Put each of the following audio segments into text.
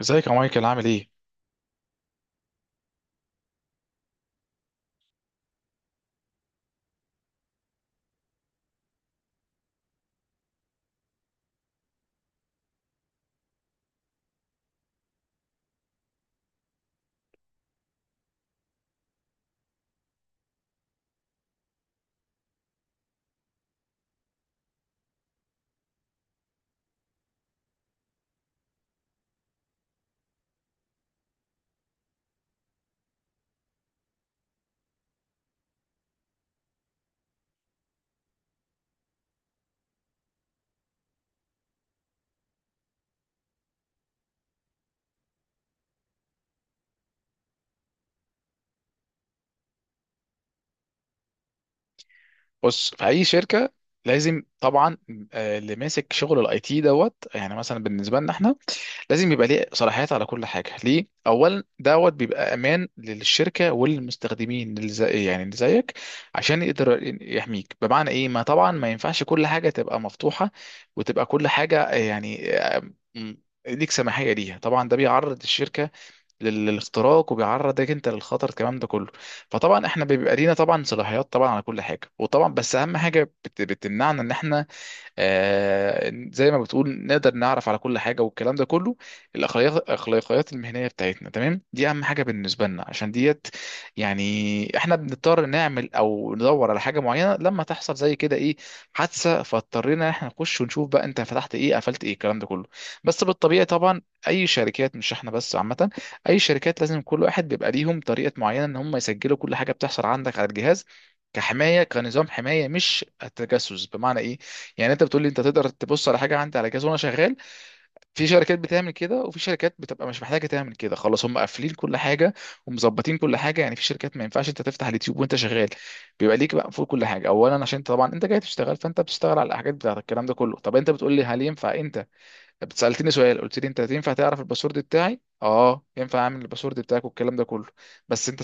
ازيك يا مايكل، عامل ايه؟ بص، في اي شركه لازم طبعا اللي ماسك شغل الاي تي دوت، يعني مثلا بالنسبه لنا احنا لازم يبقى ليه صلاحيات على كل حاجه، ليه؟ اولا دوت بيبقى امان للشركه وللمستخدمين اللي زي يعني اللي زيك، عشان يقدر يحميك. بمعنى ايه؟ ما طبعا ما ينفعش كل حاجه تبقى مفتوحه وتبقى كل حاجه م- ليك سماحيه ليها. طبعا ده بيعرض الشركه للاختراق، وبيعرضك انت للخطر، الكلام ده كله. فطبعا احنا بيبقى لينا طبعا صلاحيات طبعا على كل حاجه وطبعا، بس اهم حاجه بتمنعنا ان احنا زي ما بتقول نقدر نعرف على كل حاجه والكلام ده كله، الاخلاقيات المهنيه بتاعتنا، تمام؟ دي اهم حاجه بالنسبه لنا. عشان ديت يعني احنا بنضطر نعمل او ندور على حاجه معينه لما تحصل زي كده ايه، حادثه، فاضطرينا احنا نخش ونشوف بقى انت فتحت ايه، قفلت ايه، الكلام ده كله. بس بالطبيعي، طبعا اي شركات، مش احنا بس، عامه اي شركات لازم كل واحد بيبقى ليهم طريقه معينه ان هم يسجلوا كل حاجه بتحصل عندك على الجهاز، كحمايه، كنظام حمايه، مش التجسس. بمعنى ايه؟ يعني انت بتقول لي انت تقدر تبص على حاجه عندي على جهاز وانا شغال؟ في شركات بتعمل كده، وفي شركات بتبقى مش محتاجه تعمل كده، خلاص هم قافلين كل حاجه ومظبطين كل حاجه. يعني في شركات ما ينفعش انت تفتح اليوتيوب وانت شغال، بيبقى ليك بقى فوق كل حاجه اولا عشان انت طبعا انت جاي تشتغل، فانت بتشتغل على الحاجات بتاعت الكلام ده كله. طب انت بتقول لي، هل ينفع انت، سالتني سؤال قلت لي انت، ينفع تعرف الباسورد بتاعي؟ اه، ينفع اعمل الباسورد بتاعك والكلام ده كله، بس انت،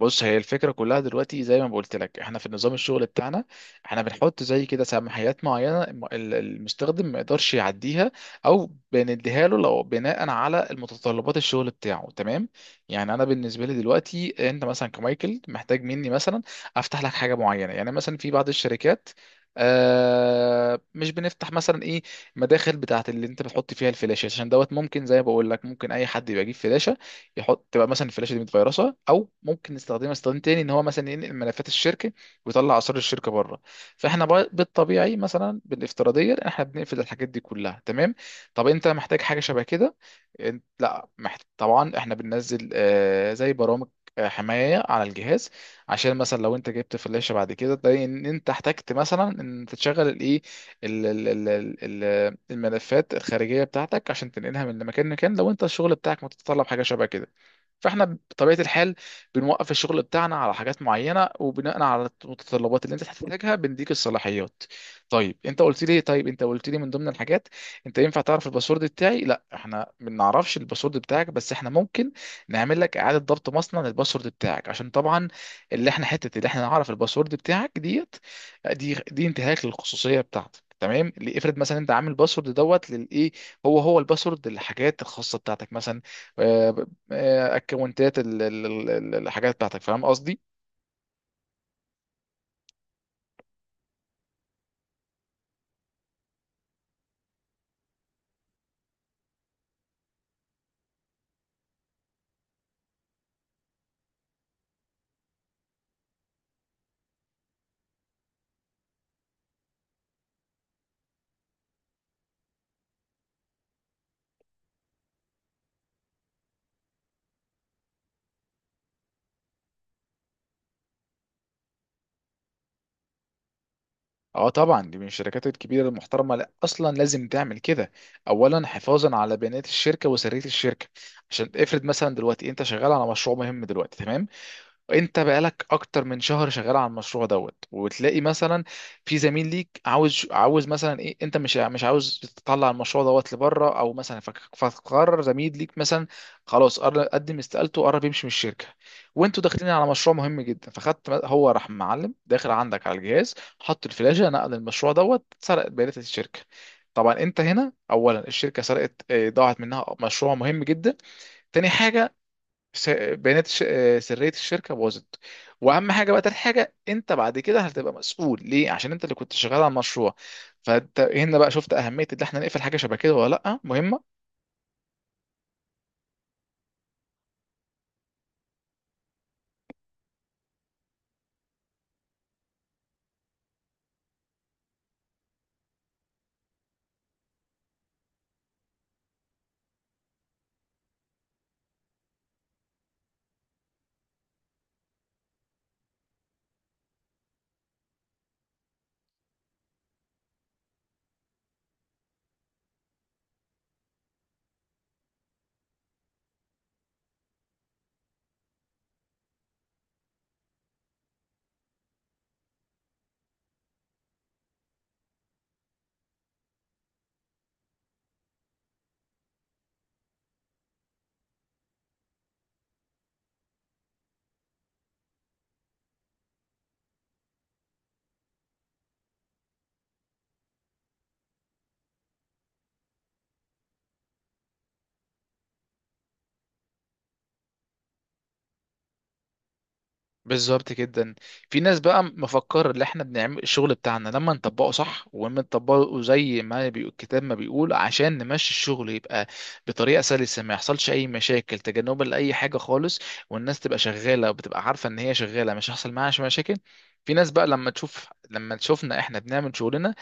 بص هي الفكرة كلها دلوقتي. زي ما قلت لك، احنا في نظام الشغل بتاعنا احنا بنحط زي كده سماحيات معينة المستخدم ما يقدرش يعديها، او بنديها له لو بناء على المتطلبات الشغل بتاعه، تمام؟ يعني انا بالنسبة لي دلوقتي، انت مثلا كمايكل محتاج مني مثلا افتح لك حاجة معينة. يعني مثلا في بعض الشركات مش بنفتح مثلا ايه، مداخل بتاعت اللي انت بتحط فيها الفلاشة، عشان دوت ممكن زي ما بقول لك، ممكن اي حد يبقى يجيب فلاشة يحط، تبقى مثلا الفلاشه دي متفيروسه، او ممكن نستخدمها استخدام تاني ان هو مثلا ينقل ملفات الشركه ويطلع اسرار الشركه بره. فاحنا بقى بالطبيعي مثلا بالافتراضيه احنا بنقفل الحاجات دي كلها، تمام؟ طب انت محتاج حاجه شبه كده، انت لا طبعا احنا بننزل زي برامج حمايه على الجهاز، عشان مثلا لو انت جبت فلاشه بعد كده تلاقي ان انت احتجت مثلا ان تشغل الايه، ال- ال- ال- ال- الملفات الخارجيه بتاعتك عشان تنقلها من مكان لمكان، لو انت الشغل بتاعك متطلب حاجه شبه كده. فاحنا بطبيعه الحال بنوقف الشغل بتاعنا على حاجات معينه، وبناء على المتطلبات اللي انت هتحتاجها بنديك الصلاحيات. طيب، انت قلت لي من ضمن الحاجات، انت ينفع تعرف الباسورد بتاعي؟ لا، احنا ما بنعرفش الباسورد بتاعك، بس احنا ممكن نعمل لك اعاده ضبط مصنع للباسورد بتاعك، عشان طبعا اللي احنا حته اللي احنا نعرف الباسورد بتاعك، ديت دي انتهاك للخصوصيه بتاعتك، تمام؟ اللي افرض مثلا انت عامل باسورد دوت للايه، هو الباسورد للحاجات الخاصه بتاعتك، مثلا آه، اكونتات الحاجات بتاعتك، فاهم قصدي؟ اه طبعا، دي من الشركات الكبيره المحترمه، لا اصلا لازم تعمل كده، اولا حفاظا على بيانات الشركه وسريه الشركه. عشان افرض مثلا دلوقتي انت شغال على مشروع مهم دلوقتي، تمام؟ انت بقالك اكتر من شهر شغال على المشروع دوت، وتلاقي مثلا في زميل ليك عاوز مثلا ايه، انت مش عاوز تطلع المشروع دوت لبره، او مثلا فقرر زميل ليك مثلا خلاص، قدم استقالته قرب يمشي من الشركه، وانتوا داخلين على مشروع مهم جدا، فخدت هو راح معلم داخل عندك على الجهاز، حط الفلاشه، نقل المشروع دوت، سرق بيانات الشركه. طبعا انت هنا، اولا الشركه سرقت ضاعت منها مشروع مهم جدا. تاني حاجه، بيانات سرية الشركة باظت. وأهم حاجة بقى، تالت حاجة، أنت بعد كده هتبقى مسؤول، ليه؟ عشان أنت اللي كنت شغال على المشروع. فأنت هنا بقى شفت أهمية إن إحنا نقفل حاجة شبه كده ولا لأ؟ مهمة. بالظبط جدا. في ناس بقى مفكر اللي احنا بنعمل الشغل بتاعنا، لما نطبقه صح ولما نطبقه زي ما الكتاب ما بيقول، عشان نمشي الشغل يبقى بطريقه سلسه ما يحصلش اي مشاكل، تجنبا لاي حاجه خالص، والناس تبقى شغاله وبتبقى عارفه ان هي شغاله مش هيحصل معاها مشاكل. في ناس بقى لما تشوفنا احنا بنعمل شغلنا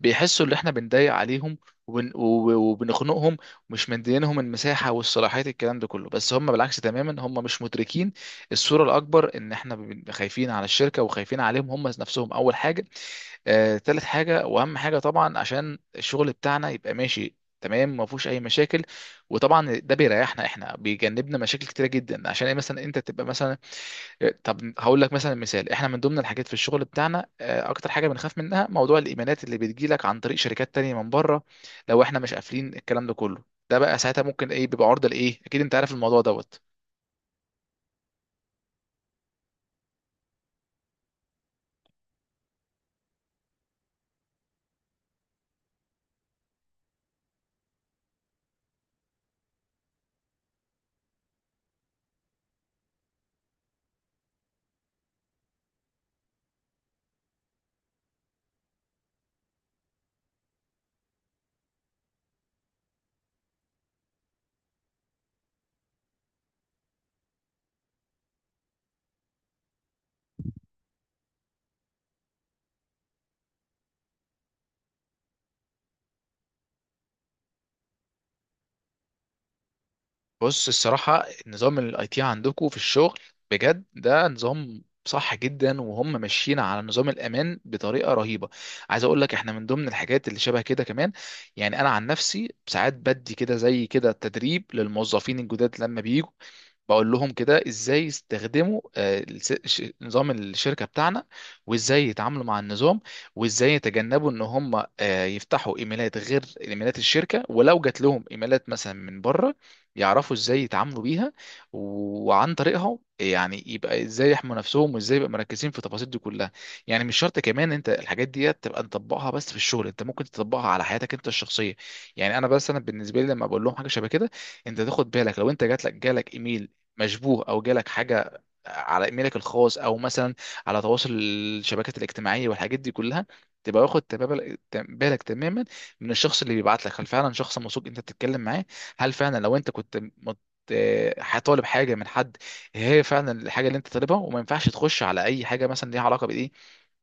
بيحسوا ان احنا بنضايق عليهم وبنخنقهم ومش مدينهم المساحه والصلاحيات الكلام ده كله، بس هم بالعكس تماما، هم مش مدركين الصوره الاكبر ان احنا خايفين على الشركه وخايفين عليهم هم نفسهم اول حاجه، تالت حاجه واهم حاجه طبعا عشان الشغل بتاعنا يبقى ماشي تمام ما فيهوش اي مشاكل. وطبعا ده بيريحنا احنا، بيجنبنا مشاكل كتيره جدا. عشان ايه مثلا انت تبقى مثلا، طب هقول لك مثلا مثال، احنا من ضمن الحاجات في الشغل بتاعنا اكتر حاجه بنخاف منها موضوع الايميلات اللي بتجي لك عن طريق شركات تانية من بره. لو احنا مش قافلين الكلام ده كله، ده بقى ساعتها ممكن ايه، بيبقى عرضه لايه، اكيد انت عارف الموضوع دوت. بص، الصراحة نظام الاي تي عندكم في الشغل بجد ده نظام صح جدا، وهم ماشيين على نظام الامان بطريقة رهيبة. عايز اقول لك احنا من ضمن الحاجات اللي شبه كده كمان، يعني انا عن نفسي ساعات بدي كده زي كده تدريب للموظفين الجداد لما بيجوا، بقول لهم كده ازاي يستخدموا نظام الشركة بتاعنا، وازاي يتعاملوا مع النظام، وازاي يتجنبوا ان هم يفتحوا ايميلات غير ايميلات الشركة، ولو جات لهم ايميلات مثلا من بره يعرفوا ازاي يتعاملوا بيها وعن طريقها، يعني يبقى ازاي يحموا نفسهم، وازاي يبقى مركزين في التفاصيل دي كلها. يعني مش شرط كمان انت الحاجات دي تبقى مطبقها بس في الشغل، انت ممكن تطبقها على حياتك انت الشخصيه. يعني انا بس، انا بالنسبه لي لما بقول لهم حاجه شبه كده، انت تاخد بالك لو انت جات لك جالك ايميل مشبوه، او جالك حاجه على ايميلك الخاص، او مثلا على تواصل الشبكات الاجتماعيه والحاجات دي كلها، تبقى واخد بالك تماما من الشخص اللي بيبعت لك، هل فعلا شخص موثوق انت بتتكلم معاه؟ هل فعلا لو انت كنت هطالب حاجه من حد، هي فعلا الحاجه اللي انت طالبها؟ وما ينفعش تخش على اي حاجه مثلا ليها علاقه بايه،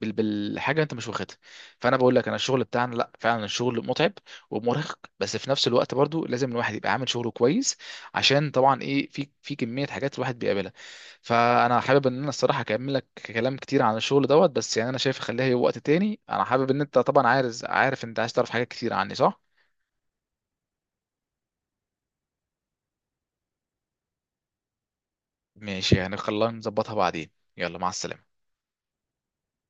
بالحاجه انت مش واخدها. فانا بقول لك انا، الشغل بتاعنا لا فعلا الشغل متعب ومرهق، بس في نفس الوقت برضو لازم الواحد يبقى عامل شغله كويس، عشان طبعا ايه، في كميه حاجات الواحد بيقابلها. فانا حابب ان انا الصراحه اكمل لك كلام كتير عن الشغل دوت، بس يعني انا شايف خليها وقت تاني. انا حابب ان انت طبعا عارف، انت عايز تعرف حاجات كتير عني، صح؟ ماشي، يعني خلينا نظبطها بعدين. يلا، مع السلامة.